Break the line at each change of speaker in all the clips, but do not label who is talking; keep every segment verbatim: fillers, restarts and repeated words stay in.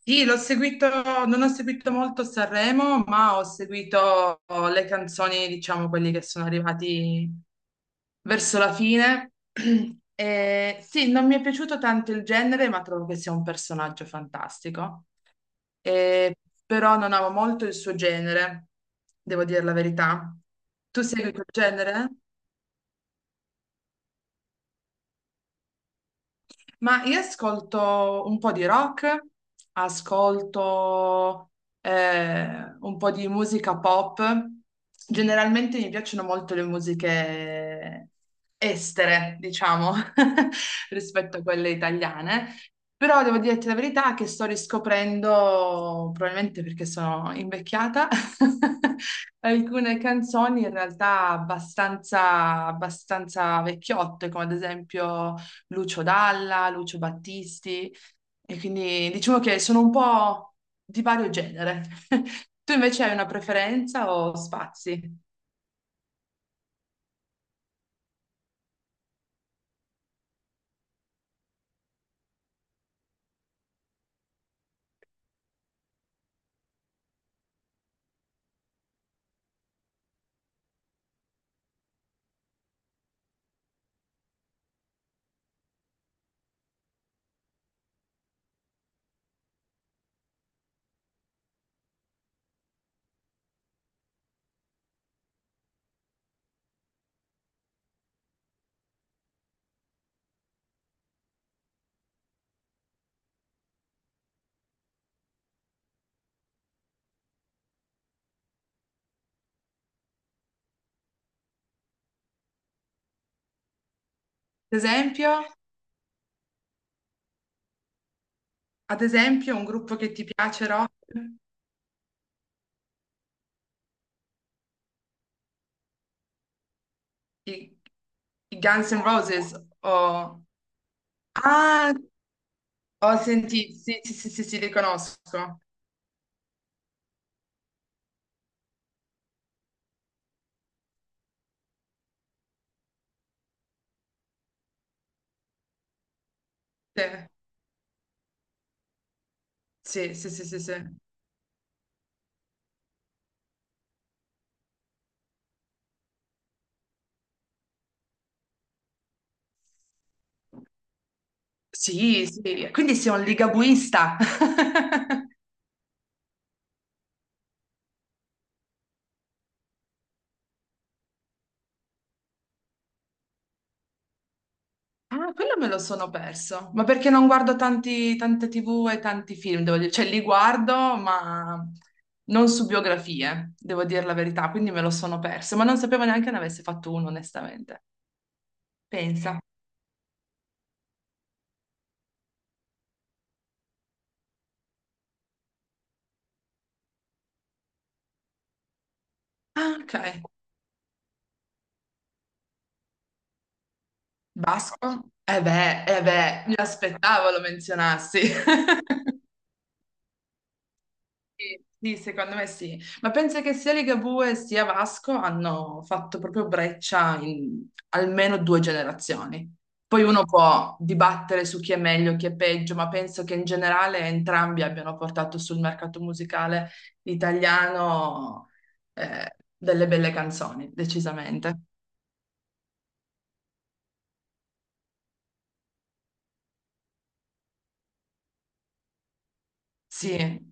Sì, l'ho seguito, non ho seguito molto Sanremo, ma ho seguito le canzoni, diciamo, quelli che sono arrivati verso la fine. E sì, non mi è piaciuto tanto il genere, ma trovo che sia un personaggio fantastico. E- Però non amo molto il suo genere, devo dire la verità. Tu segui quel genere? Ma io ascolto un po' di rock, ascolto eh, un po' di musica pop. Generalmente mi piacciono molto le musiche estere, diciamo, rispetto a quelle italiane. Però devo dirti la verità che sto riscoprendo, probabilmente perché sono invecchiata, alcune canzoni in realtà abbastanza, abbastanza vecchiotte, come ad esempio. Lucio Dalla, Lucio Battisti, e quindi diciamo che sono un po' di vario genere. Tu invece hai una preferenza o spazi? Ad esempio, ad esempio un gruppo che ti piace rock, i, i Guns N' Roses, o... Ah, ho sentito, sì, sì, sì, sì, sì, li conosco. Sì, sì, sì, sì, sì. Sì, sì, sì. Quindi sei un ligabuista. Ah, quello me lo sono perso, ma perché non guardo tanti, tante T V e tanti film, devo dire, cioè li guardo, ma non su biografie, devo dire la verità, quindi me lo sono perso, ma non sapevo neanche ne avesse fatto uno, onestamente. Pensa. Ah, ok. Basco? Eh beh, eh beh, mi aspettavo lo menzionassi. Sì, sì, secondo me sì. Ma penso che sia Ligabue sia Vasco hanno fatto proprio breccia in almeno due generazioni. Poi uno può dibattere su chi è meglio, chi è peggio, ma penso che in generale entrambi abbiano portato sul mercato musicale italiano eh, delle belle canzoni, decisamente. Sì,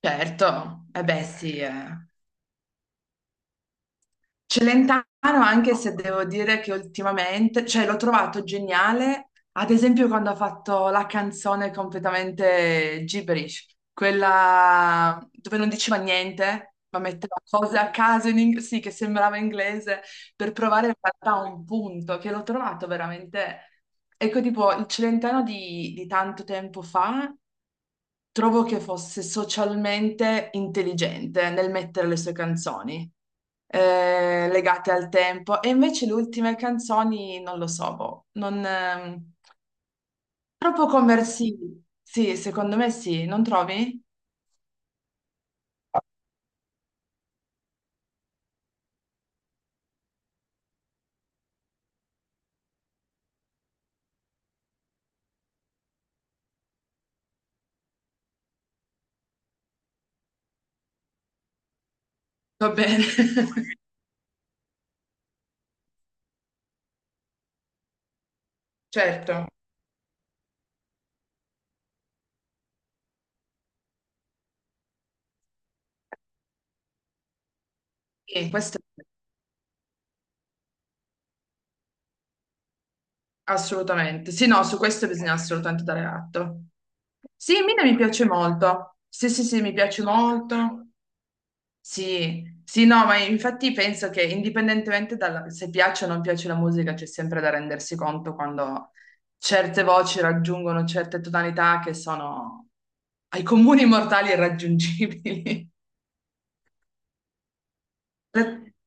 certo. Eh beh, sì. Eh. Celentano, anche se devo dire che ultimamente, cioè l'ho trovato geniale, ad esempio quando ha fatto la canzone completamente gibberish, quella dove non diceva niente, ma metteva cose a caso in ing- sì, che sembrava inglese, per provare in realtà un punto, che l'ho trovato veramente... Ecco, tipo, il Celentano di, di tanto tempo fa trovo che fosse socialmente intelligente nel mettere le sue canzoni eh, legate al tempo, e invece le ultime canzoni non lo so, boh, non, ehm, troppo commerciali. Sì, secondo me sì, non trovi? Va bene. Certo, sì, questo assolutamente. Sì, no, su questo bisogna assolutamente dare atto. Sì, Mina mi piace molto. Sì, sì, sì, mi piace molto. Sì, sì, no, ma infatti penso che indipendentemente dalla, se piace o non piace la musica, c'è sempre da rendersi conto quando certe voci raggiungono certe tonalità che sono ai comuni mortali irraggiungibili.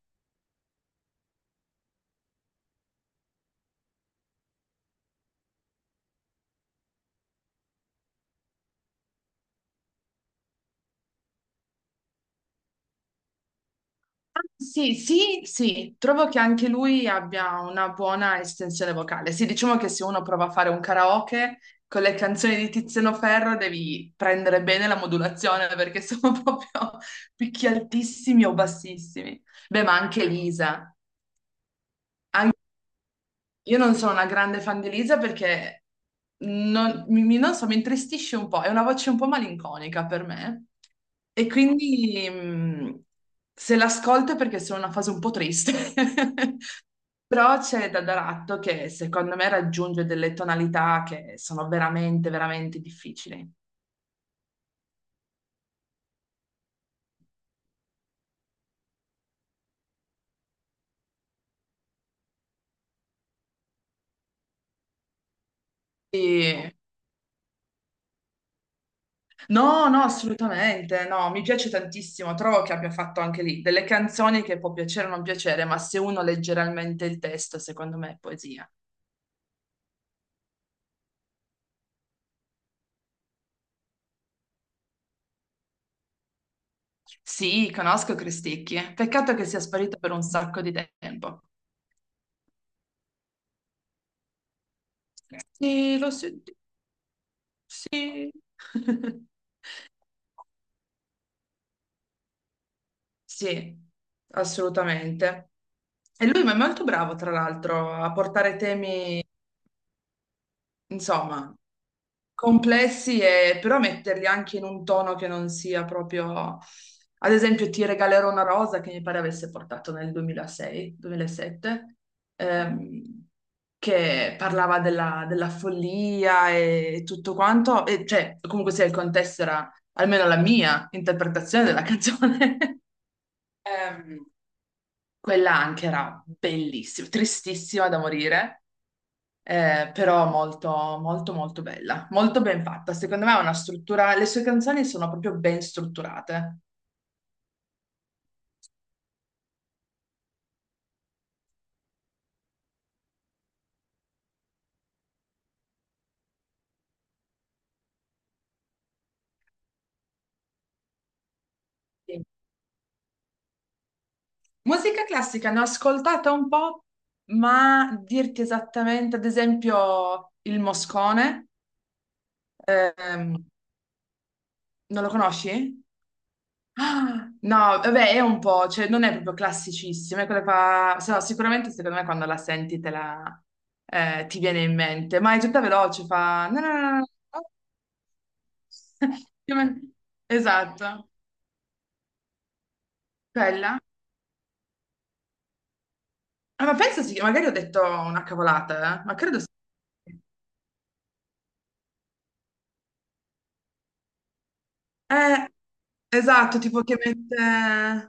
Sì, sì, sì, trovo che anche lui abbia una buona estensione vocale. Sì, diciamo che se uno prova a fare un karaoke con le canzoni di Tiziano Ferro devi prendere bene la modulazione perché sono proprio picchi altissimi o bassissimi. Beh, ma anche Lisa. Io non sono una grande fan di Elisa perché non, mi, mi- non so, mi intristisce un po', è una voce un po' malinconica per me e quindi mh, se l'ascolto è perché sono in una fase un po' triste. Però c'è Dadatto che secondo me raggiunge delle tonalità che sono veramente, veramente difficili. E no, no, assolutamente, no, mi piace tantissimo, trovo che abbia fatto anche lì delle canzoni che può piacere o non piacere, ma se uno legge realmente il testo, secondo me è poesia. Sì, conosco Cristicchi, peccato che sia sparito per un sacco di tempo. Sì, lo senti, sì. Sì, assolutamente. E lui ma è molto bravo, tra l'altro, a portare temi, insomma, complessi, e però metterli anche in un tono che non sia proprio... Ad esempio, Ti regalerò una rosa che mi pare avesse portato nel duemilasei, duemilasette, ehm, che parlava della, della follia e tutto quanto, e cioè comunque sia il contesto era almeno la mia interpretazione della canzone. Ehm, quella anche era bellissima, tristissima da morire, eh, però molto, molto, molto bella, molto ben fatta. Secondo me ha una struttura, le sue canzoni sono proprio ben strutturate. Sì. Musica classica ne ho ascoltata un po', ma dirti esattamente, ad esempio, il Moscone, ehm, non lo conosci? Ah, no, vabbè, è un po', cioè non è proprio classicissimo, è quello che fa... Se no, sicuramente secondo me quando la senti te la, eh, ti viene in mente, ma è tutta veloce, fa... no, no, no, no, no, no, Io me- esatto, quella. Ah, ma pensa sì, magari ho detto una cavolata, eh, ma credo sì. Eh, esatto, tipo che mette...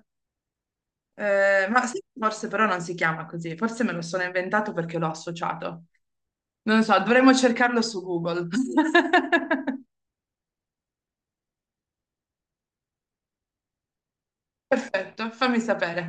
eh, ma sì, forse però non si chiama così, forse me lo sono inventato perché l'ho associato. Non lo so, dovremmo cercarlo su Google. Perfetto, fammi sapere.